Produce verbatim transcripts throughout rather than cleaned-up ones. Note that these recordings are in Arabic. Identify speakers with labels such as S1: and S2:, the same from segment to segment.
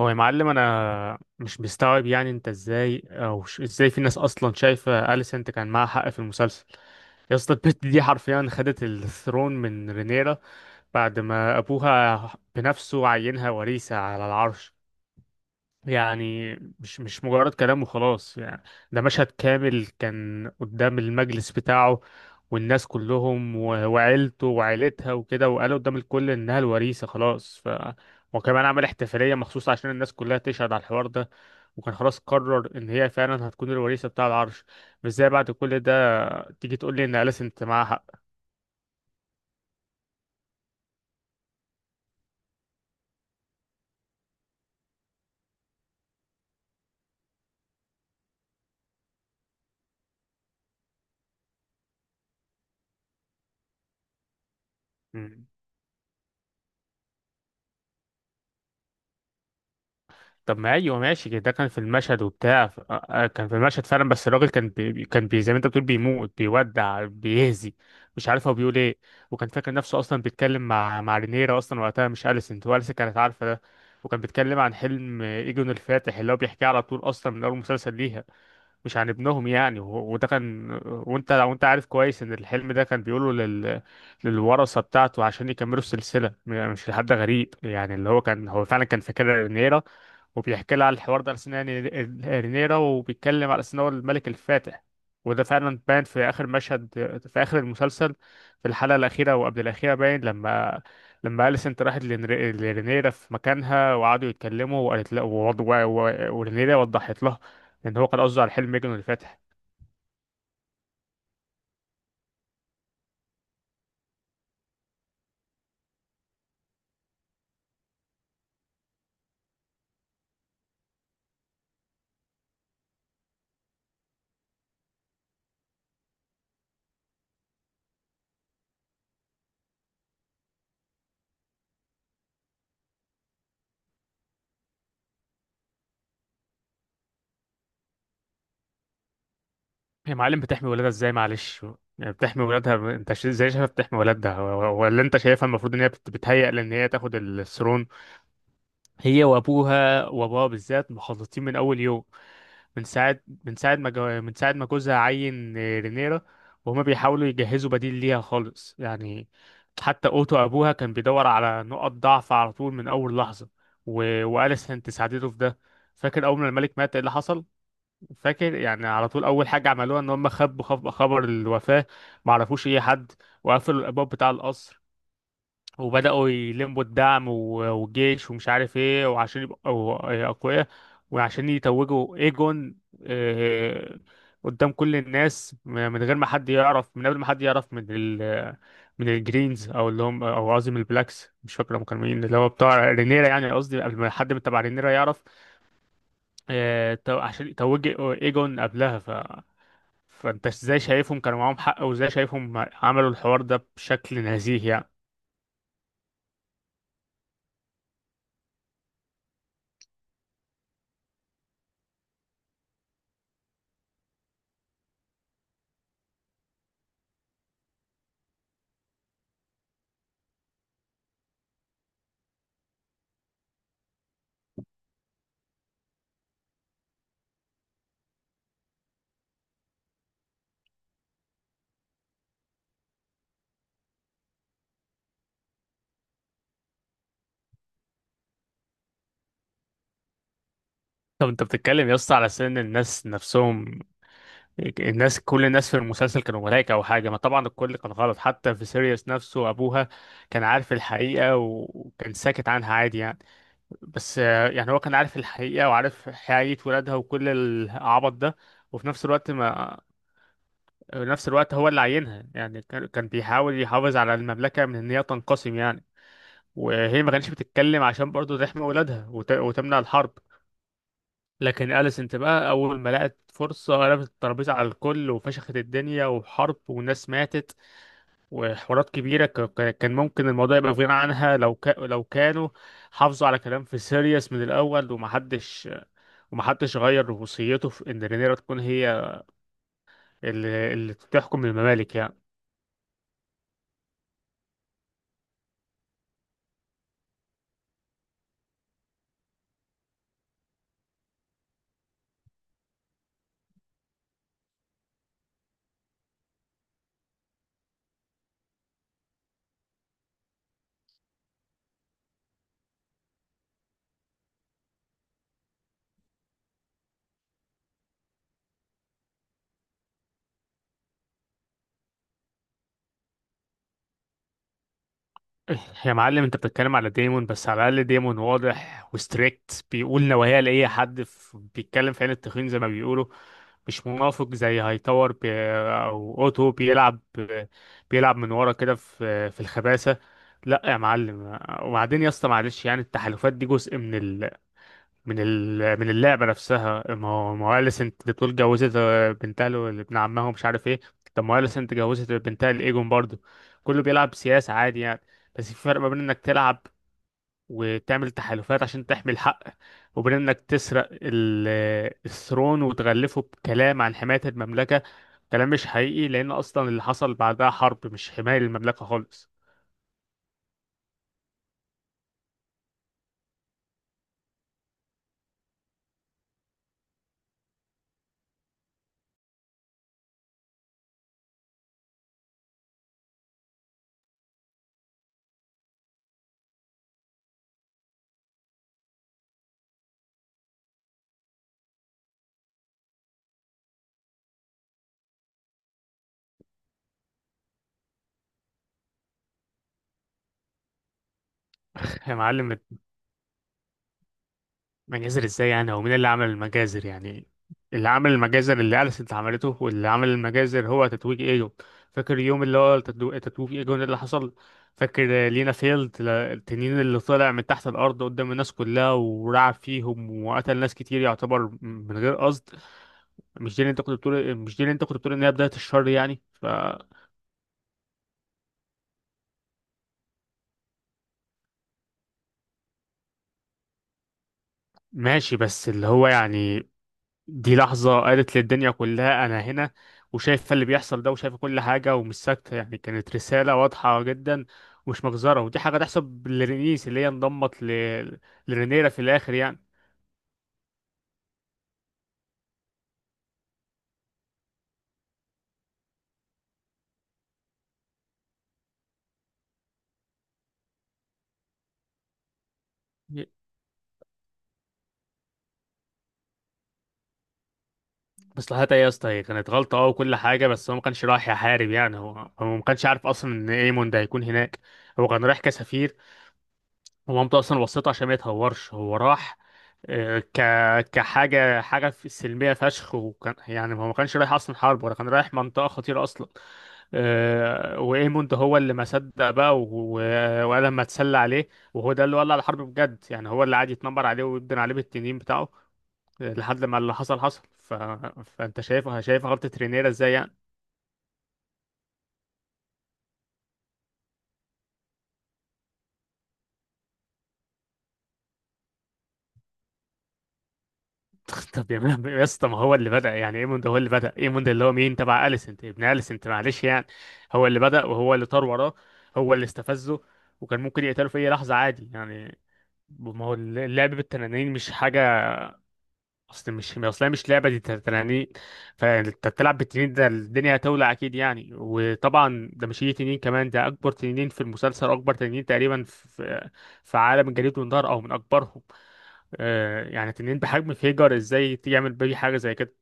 S1: هو يا معلم انا مش مستوعب يعني انت ازاي او ش- ازاي في ناس اصلا شايفه اليسنت كان معاها حق في المسلسل. يا اسطى البت دي حرفيا خدت الثرون من رينيرا بعد ما ابوها بنفسه عينها وريثة على العرش. يعني مش مش مجرد كلام وخلاص يعني، ده مشهد كامل كان قدام المجلس بتاعه والناس كلهم و- وعيلته وعيلتها وكده، وقالوا قدام الكل انها الوريثة خلاص، ف وكمان عمل احتفالية مخصوص عشان الناس كلها تشهد على الحوار ده، وكان خلاص قرر ان هي فعلا هتكون الوريثة بتاع العرش. مش زي بعد كل ده تيجي تقول لي ان أليس انت معاها حق. طب ما ايوه ماشي كده، ده كان في المشهد وبتاع ف- آه، آه، كان في المشهد فعلا، بس الراجل كان بي كان بي زي ما انت بتقول بيموت بيودع بيهزي، مش عارف هو بيقول ايه. وكان فاكر نفسه اصلا بيتكلم مع مع رينيرا اصلا وقتها مش اليسنت، واليسنت كانت عارفه ده. وكان بيتكلم عن حلم ايجون الفاتح اللي هو بيحكيه على طول اصلا من اول مسلسل ليها، مش عن ابنهم يعني، و- وده كان وانت وانت عارف كويس ان الحلم ده كان بيقوله لل للورثه بتاعته عشان يكملوا السلسله، م- مش لحد غريب يعني، اللي هو كان هو فعلا كان فاكرها رينيرا وبيحكي لها على الحوار ده على سنة يعني ال- رينيرا، وبيتكلم على سنة هو الملك الفاتح. وده فعلا باين في آخر مشهد، في آخر المسلسل، في الحلقة الأخيرة وقبل الأخيرة، باين لما لما أليسنت راحت لنر- لرينيرا في مكانها وقعدوا يتكلموا وقالت لها ووض- و- و- ورينيرا وضحت لها إن هو كان قصده على الحلم مجنون الفاتح. يا معلم بتحمي ولادها إزاي معلش؟ يعني بتحمي ولادها انت ش- ازاي شايفها بتحمي ولادها و- و- ولا انت شايفها المفروض ان هي بت- بتهيأ لان هي تاخد الثرون. هي وابوها، وابوها بالذات مخلطين من اول يوم، من ساعه من ساعه ما جو... من ساعه ما جوزها عين آه، رينيرا، وهما بيحاولوا يجهزوا بديل ليها خالص يعني. حتى اوتو ابوها كان بيدور على نقط ضعف على طول من اول لحظه، و... واليسنت ساعدته في ده. فاكر اول ما الملك مات ايه اللي حصل؟ فاكر يعني، على طول اول حاجه عملوها ان هم خبوا خب- خبر الوفاه، ما عرفوش اي حد، وقفلوا الابواب بتاع القصر، وبدأوا يلموا الدعم و- والجيش ومش عارف ايه، وعشان يبقوا أقوياء وعشان يتوجوا ايجون، آه، قدام كل الناس م- من غير ما حد يعرف، من قبل ما حد يعرف من ال من الجرينز او اللي هم، او قصدي من البلاكس، مش فاكر هم كانوا مين، اللي هو بتاع رينيرا يعني، قصدي قبل ما حد من تبع رينيرا يعرف، آه، تو- عشان يتوج ايجون قبلها، ف فانت ازاي شايفهم كانوا معاهم حق، وازاي شايفهم عملوا الحوار ده بشكل نزيه يعني؟ طب انت بتتكلم يا اسطى على سن الناس نفسهم. الناس، كل الناس في المسلسل كانوا ملايكة او حاجة؟ ما طبعا الكل كان غلط، حتى في سيريوس نفسه ابوها كان عارف الحقيقة وكان ساكت عنها عادي يعني. بس آه، يعني هو كان عارف الحقيقة وعارف حقيقة ولادها وكل العبط ده، وفي نفس الوقت ما في نفس الوقت هو اللي عينها يعني، كان كان بيحاول يحافظ على المملكة من ان هي تنقسم يعني، وهي ما كانتش بتتكلم عشان برضه تحمي ولادها وت... وتمنع الحرب. لكن أليسنت بقى أول ما لقت فرصة قلبت الترابيزة على الكل وفشخت الدنيا، وحرب وناس ماتت وحوارات كبيرة، ك- ك- كان ممكن الموضوع يبقى في غنى عنها لو كا لو كانوا حافظوا على كلام في سيريوس من الأول، ومحدش ومحدش غير وصيته في إن رينيرا تكون هي اللي, اللي تحكم الممالك يعني. يا معلم انت بتتكلم على ديمون، بس على الاقل ديمون واضح وستريكت بيقول نوايا لاي حد، في بيتكلم في عين التخين زي ما بيقولوا، مش منافق زي هايتاور بي او اوتو، بيلعب بيلعب من ورا كده في في الخباثه. لا يا معلم، وبعدين يا اسطى معلش يعني، التحالفات دي جزء من ال من ال- من اللعبة نفسها. ما هو ما هو أليسنت اللي بتقول جوزت بنتها له- ابن عمها ومش عارف ايه، طب ما هو أليسنت جوزت بنتها لإيجون برضه. كله بيلعب سياسة عادي يعني، بس في فرق ما بين إنك تلعب وتعمل تحالفات عشان تحمي الحق، وبين إنك تسرق ال- الثرون وتغلفه بكلام عن حماية المملكة، كلام مش حقيقي، لأن أصلا اللي حصل بعدها حرب مش حماية للمملكة خالص. يا معلم، مجازر ازاي يعني؟ هو مين اللي عمل المجازر يعني؟ اللي عمل المجازر اللي أليسنت عملته، واللي عمل المجازر هو تتويج ايجو. فاكر اليوم اللي هو التتو- تتويج ايجو إيه اللي حصل؟ فاكر لينا فيلد ل- التنين اللي طلع من تحت الأرض قدام الناس كلها ورعب فيهم وقتل ناس كتير، يعتبر م- من غير قصد. مش دي اللي انت كنت بتقول، مش دي اللي انت كنت بتقول ان هي بداية الشر يعني؟ فماشي، بس اللي هو يعني دي لحظة قالت للدنيا كلها أنا هنا وشايفة اللي بيحصل ده وشايفة كل حاجة ومش ساكتة يعني، كانت رسالة واضحة جدا ومش مجزرة، ودي حاجة تحسب لرينيس اللي هي انضمت ل... لرينيرا في الآخر يعني. مصلحتها ايه يا اسطى، هي كانت غلطة اه وكل حاجة، بس هو ما كانش رايح يحارب يعني، هو هو ما كانش عارف أصلا إن ايمون ده هيكون هناك. هو كان رايح كسفير، هو مامته اصلا وصيته عشان ما يتهورش، هو راح آه، ك كحاجه حاجه في- سلميه فشخ، وكان يعني هو ما كانش رايح اصلا حرب، ولا كان رايح منطقه خطيره اصلا. آه، وايموند هو اللي ما صدق بقى و- و- وقال لما اتسلى عليه، وهو ده اللي ولع الحرب بجد يعني، هو اللي قعد يتنمر عليه ويبدن عليه بالتنين بتاعه آه، لحد ما اللي حصل حصل، ف... فانت شايف، شايف غلطه رينيرا ازاي يعني؟ طب يا مان- يا اسطى، ما هو اللي بدأ يعني، ايموند هو اللي بدأ، ايموند اللي هو مين، تبع اليسنت، ابن اليسنت معلش يعني، هو اللي بدأ وهو اللي طار وراه، هو اللي استفزه، وكان ممكن يقتله في اي لحظة عادي يعني. ما هو اللعب بالتنانين مش حاجة اصل مش ما اصل هي مش لعبه دي، تنانين. فانت بتلعب بالتنين ده الدنيا هتولع اكيد يعني، وطبعا ده مش اي تنين كمان، ده اكبر تنين في المسلسل واكبر تنين تقريبا في في عالم الجليد والنار او من اكبرهم. آه يعني تنين بحجم فيجر، ازاي يعمل بيه حاجه زي كده؟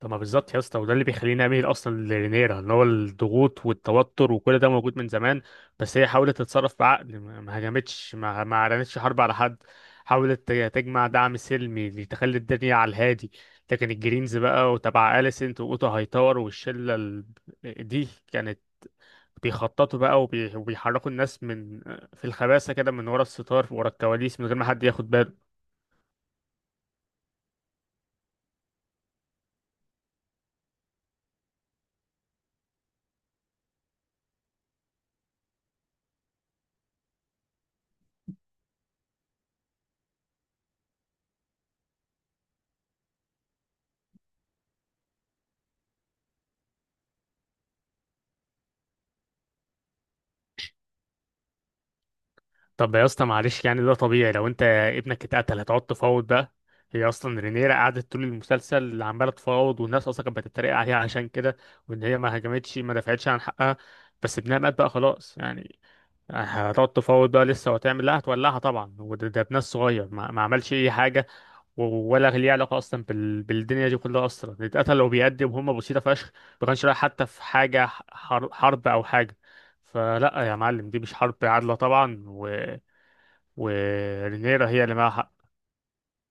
S1: طب ما بالظبط يا اسطى، وده اللي بيخليني اميل اصلا لرينيرا، ان هو الضغوط والتوتر وكل ده موجود من زمان، بس هي حاولت تتصرف بعقل، ما ما هجمتش ما ما اعلنتش حرب على حد، حاولت ت- تجمع دعم سلمي لتخلي الدنيا على الهادي. لكن الجرينز بقى وتبع اليسنت واوتا هايتاور والشله ال- دي كانت بيخططوا بقى وبي- وبيحركوا الناس من في الخباثه كده، من ورا الستار ورا الكواليس من غير ما حد ياخد باله. طب يا اسطى معلش يعني، ده طبيعي لو انت ابنك اتقتل هتقعد تفاوض بقى؟ هي اصلا رينيرا قعدت طول المسلسل عماله تفاوض، والناس اصلا كانت بتتريق عليها عشان كده وان هي ما هجمتش ما دفعتش عن حقها. بس ابنها مات بقى خلاص يعني، هتقعد تفاوض بقى لسه؟ وهتعمل لا، هتولعها طبعا، وده ده ابنها الصغير ما, ما عملش اي حاجه و- ولا ليه علاقه اصلا بال... بالدنيا دي كلها اصلا، اللي اتقتل وبيقدم هم بسيطه فشخ، ما كانش رايح حتى في حاجه حر... حرب او حاجه. فلا يا معلم، دي مش حرب عادله طبعا، ورينيرا هي اللي معاها.